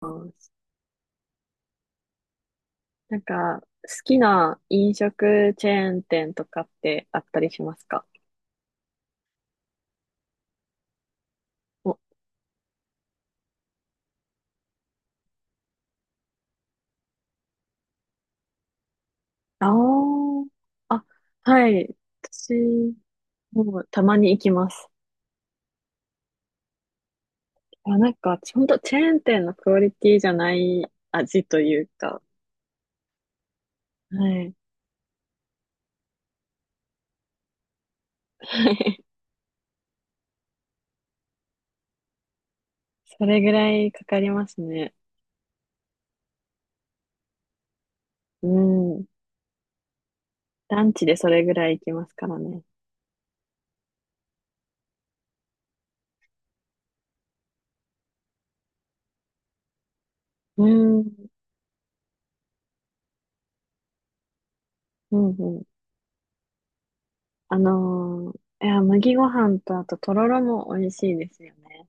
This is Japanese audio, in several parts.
うん。なんか、好きな飲食チェーン店とかってあったりしますか？お、あー。あ、はい。私、もうたまに行きます。あ、なんか、ほんとチェーン店のクオリティじゃない味というか、はい。それぐらいかかりますね。うん。ランチでそれぐらい行きますからね。うん。うんうん。あのいや、麦ご飯とあととろろも美味しいですよね。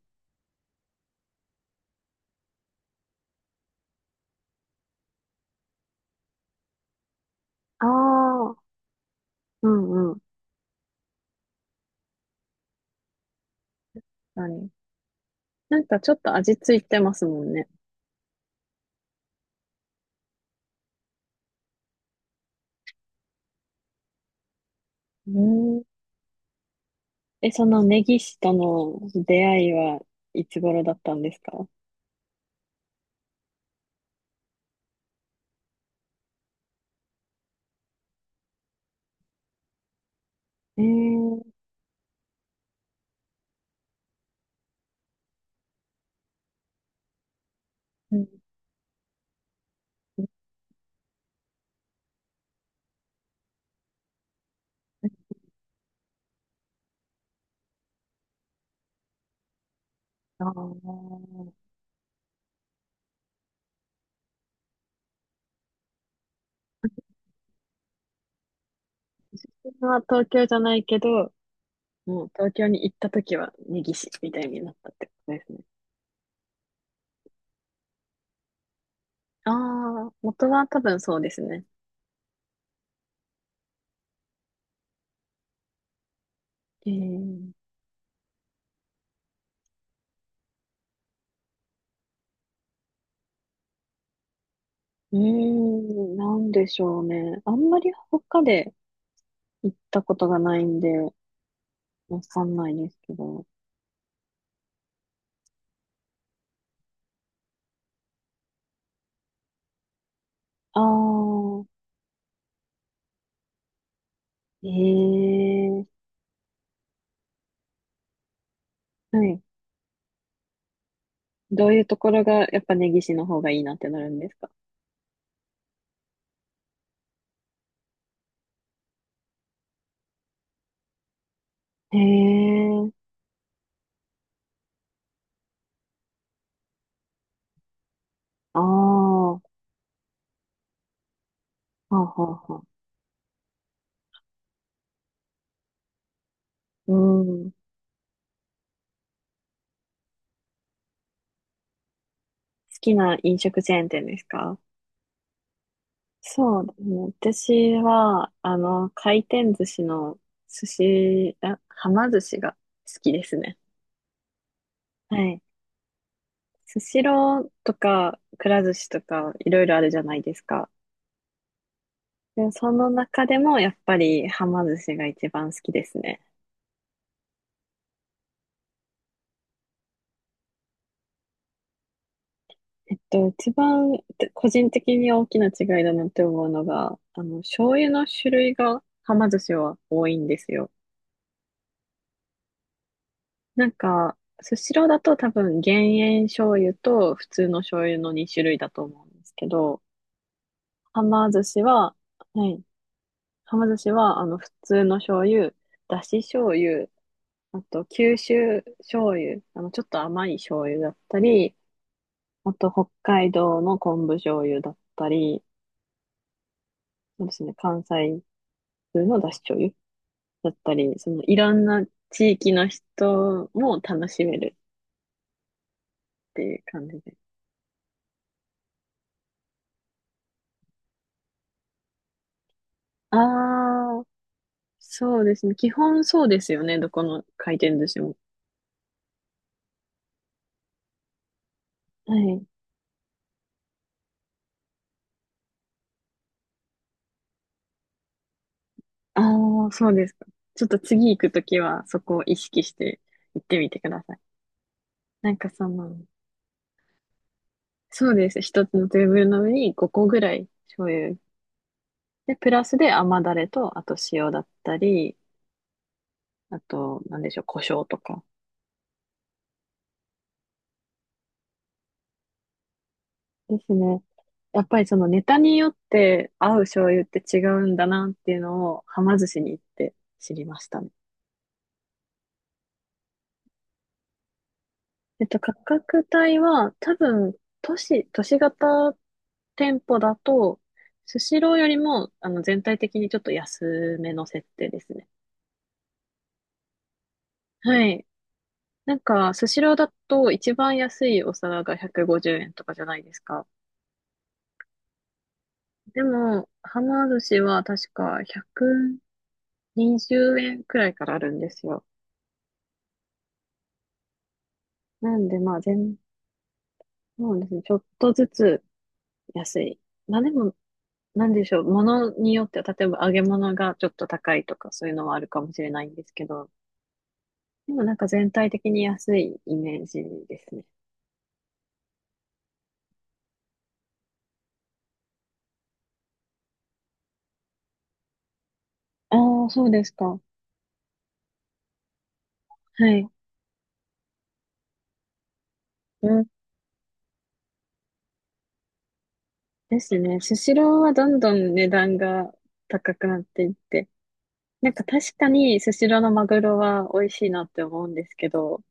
ああ、うんうん。何なんかちょっと味ついてますもんね。うん。え、そのネギ師との出会いはいつ頃だったんですか？ええー。うん。ああ。自分は東京じゃないけど、もう東京に行った時はネギ師みたいになったってことですね。ああ、元は多分そうですね。ええ。うーん、なんでしょうね。あんまり他で行ったことがないんで、わかんないですけど。ああ、ええ。はい。どういうところが、やっぱ根岸の方がいいなってなるんですか？へえ、ああ、はあはあはあ。うん。好きな飲食チェーン店ですか？そうですね。私は、あの、回転寿司の寿司、あ、はま寿司が好きですね。はい。スシローとか、くら寿司とか、いろいろあるじゃないですか。で、その中でも、やっぱり、はま寿司が一番好きですね。えっと、一番個人的に大きな違いだなって思うのが、あの、醤油の種類が、はま寿司は多いんですよ。なんか、スシローだと多分減塩醤油と普通の醤油の2種類だと思うんですけど、はま寿司は、はい。はま寿司は、あの、普通の醤油、だし醤油、あと、九州醤油、あの、ちょっと甘い醤油だったり、あと、北海道の昆布醤油だったり、そうですね、関西風のだし醤油だったり、そのいろんな地域の人も楽しめるっていう感じで。ああ、そうですね。基本そうですよね。どこの回転寿司も。はい。ああ、そうですか。ちょっと次行くときはそこを意識して行ってみてください。なんかその、そうですね。一つのテーブルの上に5個ぐらい醤油。で、プラスで甘だれと、あと塩だったり、あと、なんでしょう、胡椒とか。ですね。やっぱりそのネタによって合う醤油って違うんだなっていうのを、はま寿司に行って知りましたね。えっと、価格帯は多分、都市型店舗だと、スシローよりも、あの、全体的にちょっと安めの設定ですね。はい。なんか、スシローだと一番安いお皿が150円とかじゃないですか。でも、はま寿司は確か120円くにじゅうえんくらいからあるんですよ。なんで、まあ、そうですね。ちょっとずつ安い。まあでも、なんでしょう。ものによっては、例えば揚げ物がちょっと高いとか、そういうのはあるかもしれないんですけど、でもなんか全体的に安いイメージですね。ああ、そうですか。はい。うん。ですね。スシローはどんどん値段が高くなっていって、なんか確かにスシローのマグロは美味しいなって思うんですけど、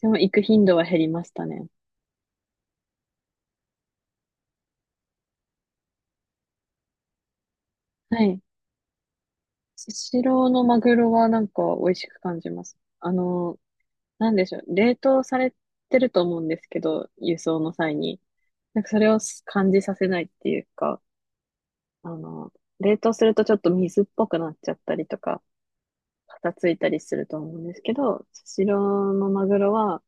でも行く頻度は減りましたね。はい。スシローのマグロはなんか美味しく感じます。あの、なんでしょう。冷凍されてると思うんですけど、輸送の際に。なんかそれを感じさせないっていうか、あの、冷凍するとちょっと水っぽくなっちゃったりとか、パサついたりすると思うんですけど、スシローのマグロは、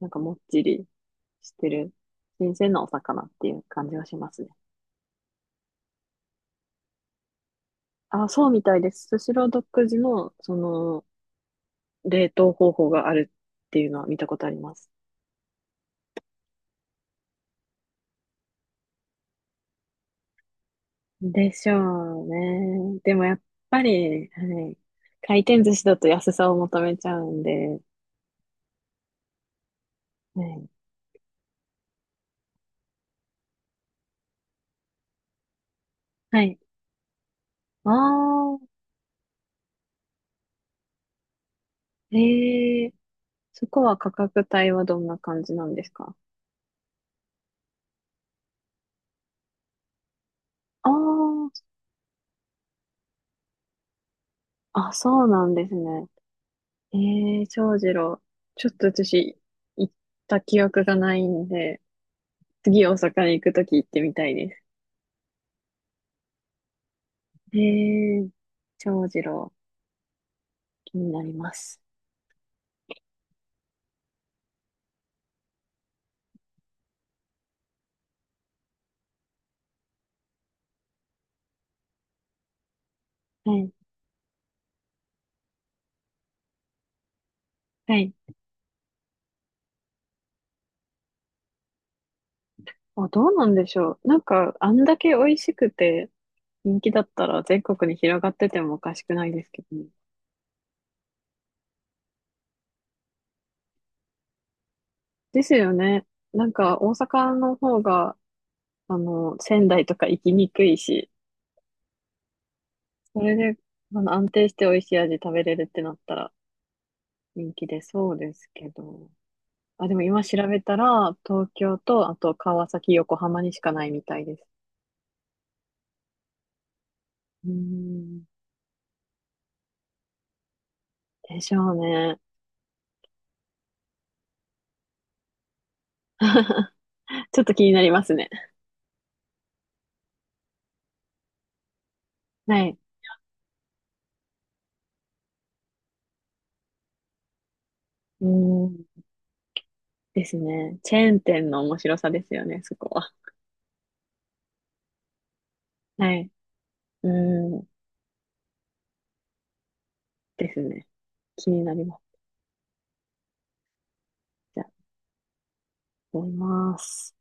なんかもっちりしてる、新鮮なお魚っていう感じがしますね。あ、そうみたいです。スシロー独自の、その、冷凍方法があるっていうのは見たことあります。でしょうね。でもやっぱり、はい。回転寿司だと安さを求めちゃうんで、はい。はい。ああ、ええ。そこは価格帯はどんな感じなんですか？ああ、あ、そうなんですね。ええ。長次郎。ちょっと私、行った記憶がないんで、次大阪に行くとき行ってみたいです。ええ。長次郎、気になります。はい。はい。あ、どうなんでしょう。なんか、あんだけ美味しくて人気だったら全国に広がっててもおかしくないですけどね。ですよね。なんか、大阪の方が、あの、仙台とか行きにくいし、それで、あの、安定して美味しい味食べれるってなったら人気出そうですけど。あ、でも今調べたら、東京と、あと川崎、横浜にしかないみたいです。うーん。でしょうね。ちょっと気になりますね。はい。うーん。ですね。チェーン店の面白さですよね、そこは。はい。うん。ですね。気になります。じゃあ、思います。